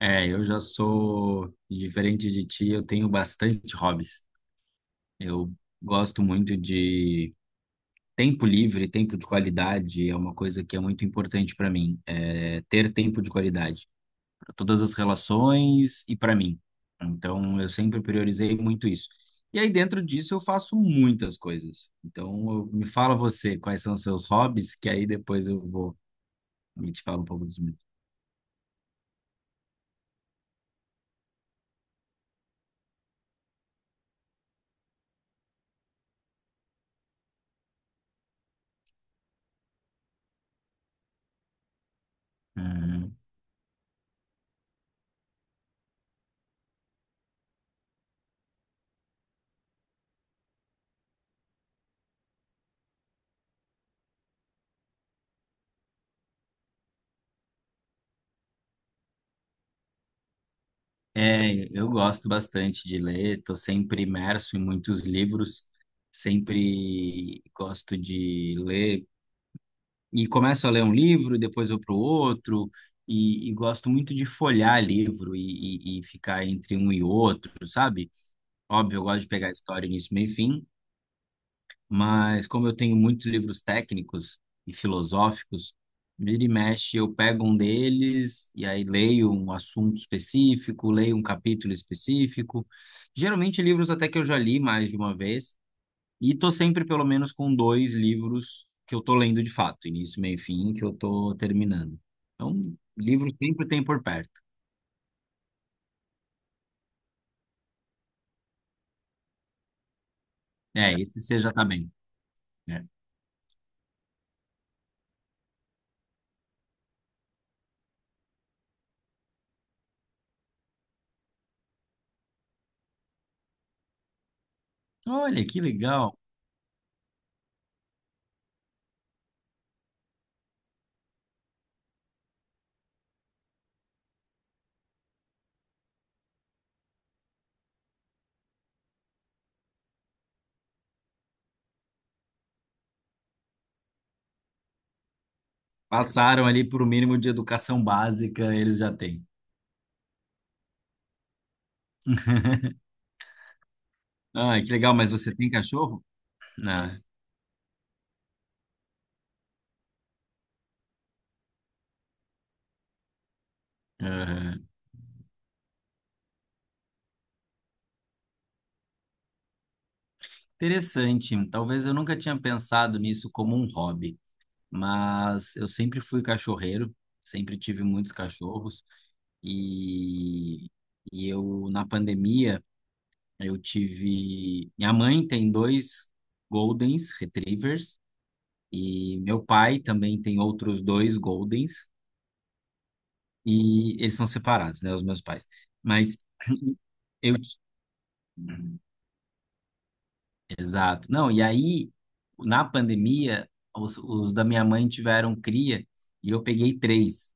É, eu já sou diferente de ti, eu tenho bastante hobbies. Eu gosto muito de tempo livre, tempo de qualidade, é uma coisa que é muito importante para mim, é ter tempo de qualidade para todas as relações e para mim. Então, eu sempre priorizei muito isso. E aí, dentro disso, eu faço muitas coisas. Então, me fala você, quais são os seus hobbies, que aí depois eu vou me te falo um pouco dos meus. É, eu gosto bastante de ler, estou sempre imerso em muitos livros, sempre gosto de ler e começo a ler um livro, depois vou para o outro, e gosto muito de folhear livro e ficar entre um e outro, sabe? Óbvio, eu gosto de pegar a história início, meio e fim, mas como eu tenho muitos livros técnicos e filosóficos, vira e mexe, eu pego um deles e aí leio um assunto específico, leio um capítulo específico. Geralmente livros até que eu já li mais de uma vez, e tô sempre pelo menos com dois livros que eu tô lendo de fato, início, meio e fim, que eu tô terminando. Então, livro sempre tem por perto. É, esse você já tá bem, né? Olha, que legal. Passaram ali por um mínimo de educação básica, eles já têm. Ah, que legal, mas você tem cachorro? Ah, aham. Interessante. Talvez eu nunca tinha pensado nisso como um hobby, mas eu sempre fui cachorreiro, sempre tive muitos cachorros e, e eu na pandemia eu tive. Minha mãe tem dois Goldens Retrievers e meu pai também tem outros dois Goldens e eles são separados, né, os meus pais. Mas eu Exato. Não, e aí, na pandemia, os da minha mãe tiveram cria e eu peguei três.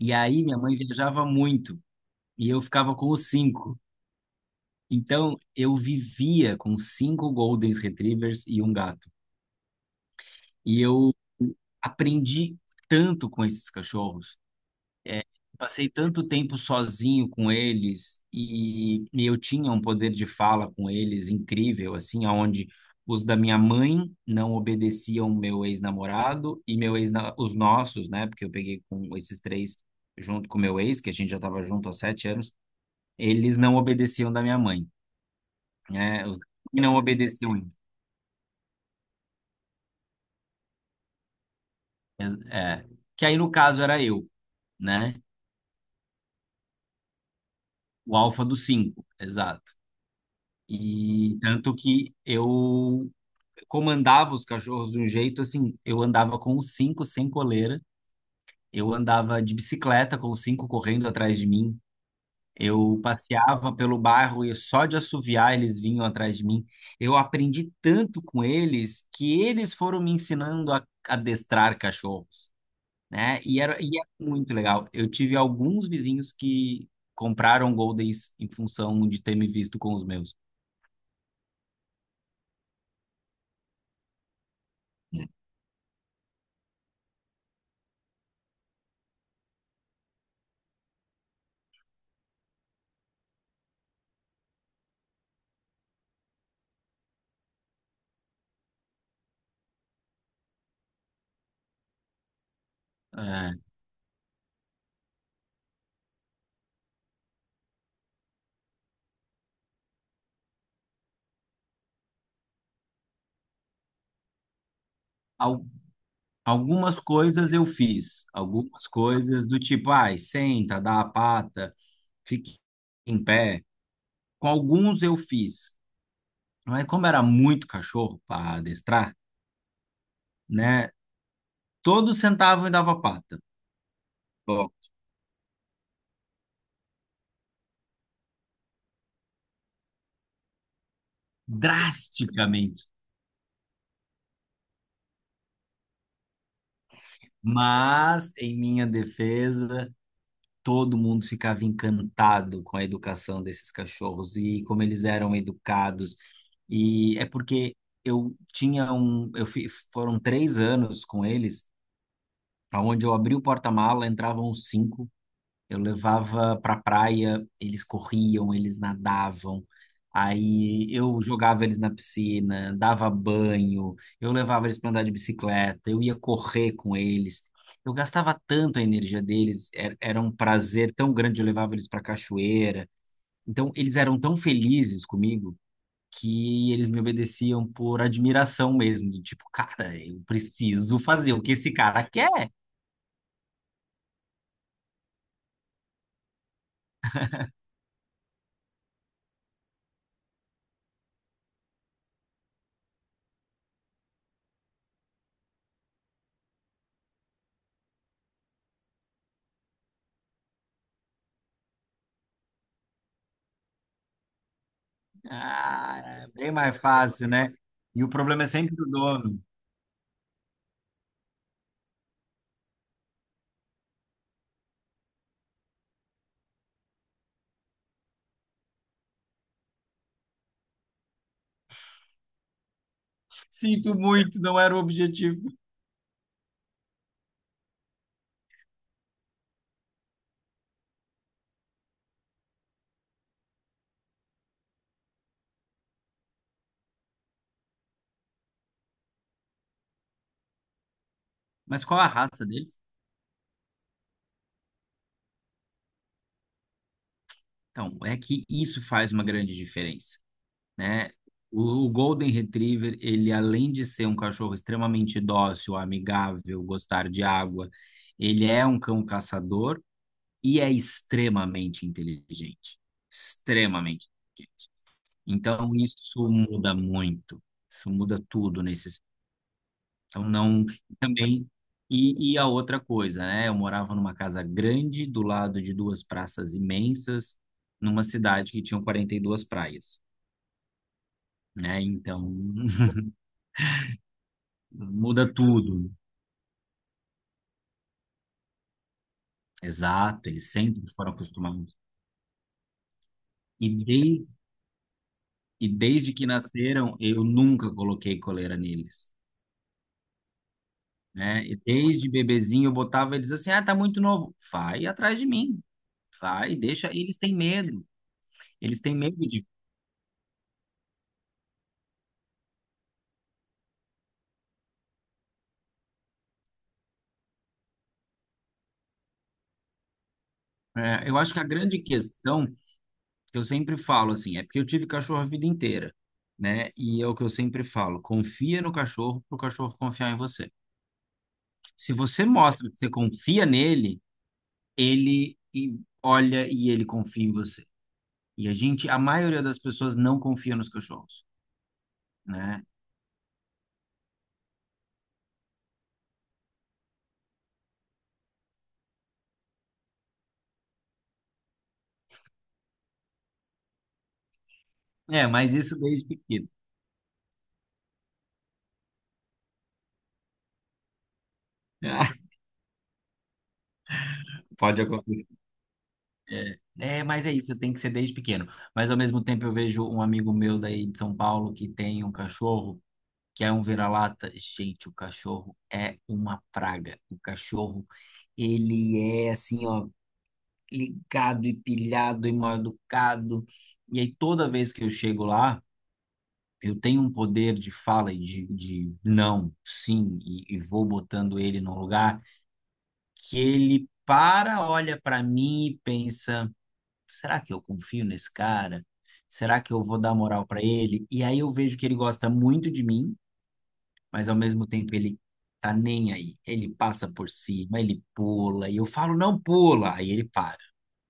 E aí, minha mãe viajava muito e eu ficava com os cinco. Então, eu vivia com cinco Golden Retrievers e um gato. E eu aprendi tanto com esses cachorros. É, passei tanto tempo sozinho com eles e eu tinha um poder de fala com eles incrível, assim, aonde os da minha mãe não obedeciam meu ex-namorado e meu ex, os nossos, né? Porque eu peguei com esses três junto com meu ex, que a gente já estava junto há 7 anos, eles não obedeciam da minha mãe, né? Os da minha mãe não obedeciam. É, que aí no caso era eu, né? O alfa dos cinco, exato. E tanto que eu comandava os cachorros de um jeito assim, eu andava com os cinco sem coleira, eu andava de bicicleta com os cinco correndo atrás de mim, eu passeava pelo bairro e só de assoviar eles vinham atrás de mim. Eu aprendi tanto com eles que eles foram me ensinando a adestrar cachorros, né? E era muito legal. Eu tive alguns vizinhos que compraram Goldens em função de ter me visto com os meus. É, algumas coisas eu fiz, algumas coisas do tipo, ai, senta, dá a pata, fique em pé. Com alguns eu fiz, mas como era muito cachorro para adestrar, né? Todos sentavam e dava pata, ó, drasticamente. Mas, em minha defesa, todo mundo ficava encantado com a educação desses cachorros e como eles eram educados. E é porque eu tinha um, eu fi, foram 3 anos com eles, aonde eu abri o porta-mala, entravam cinco, eu levava pra praia, eles corriam, eles nadavam. Aí eu jogava eles na piscina, dava banho, eu levava eles para andar de bicicleta, eu ia correr com eles. Eu gastava tanto a energia deles, era, era um prazer tão grande, eu levava eles para cachoeira. Então eles eram tão felizes comigo que eles me obedeciam por admiração mesmo, do tipo, cara, eu preciso fazer o que esse cara quer. Ah, é bem mais fácil, né? E o problema é sempre do dono. Sinto muito, não era o objetivo. Mas qual a raça deles? Então, é que isso faz uma grande diferença, né? O Golden Retriever, ele além de ser um cachorro extremamente dócil, amigável, gostar de água, ele é um cão caçador e é extremamente inteligente. Extremamente. Então, isso muda muito. Isso muda tudo nesse. Então não também e a outra coisa, né? Eu morava numa casa grande do lado de duas praças imensas, numa cidade que tinha 42 praias, né? Então muda tudo. Exato, eles sempre foram acostumados. E desde, e desde que nasceram, eu nunca coloquei coleira neles, né? E desde bebezinho eu botava eles assim: "Ah, tá muito novo. Vai atrás de mim. Vai, deixa, eles têm medo. Eles têm medo de É, eu acho que a grande questão que eu sempre falo assim, é porque eu tive cachorro a vida inteira, né? E é o que eu sempre falo, confia no cachorro para o cachorro confiar em você. Se você mostra que você confia nele, olha e ele confia em você. E a gente, a maioria das pessoas não confia nos cachorros, né? É, mas isso desde pequeno. Ah, pode acontecer. É, é, mas é isso, tem que ser desde pequeno. Mas ao mesmo tempo eu vejo um amigo meu daí de São Paulo que tem um cachorro que é um vira-lata. Gente, o cachorro é uma praga. O cachorro, ele é assim, ó, ligado e pilhado e mal educado. E aí, toda vez que eu chego lá, eu tenho um poder de fala e de não, sim, e vou botando ele no lugar, que ele para, olha para mim e pensa: será que eu confio nesse cara? Será que eu vou dar moral para ele? E aí eu vejo que ele gosta muito de mim, mas ao mesmo tempo ele tá nem aí. Ele passa por cima, ele pula, e eu falo, não pula, aí ele para.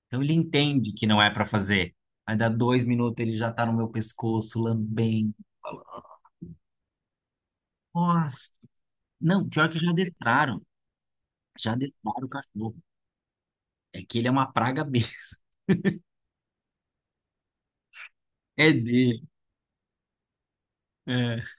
Então ele entende que não é pra fazer. Aí dá 2 minutos, ele já tá no meu pescoço, lambendo. Falando, nossa, não, pior que já adestraram. Já adestraram o cachorro. É que ele é uma praga B. É dele. É.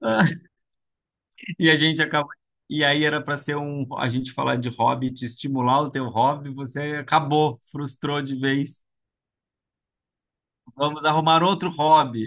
Ah, e a gente acaba. E aí era pra ser um. A gente falar de hobby, te estimular o teu hobby, você acabou, frustrou de vez. Vamos arrumar outro hobby.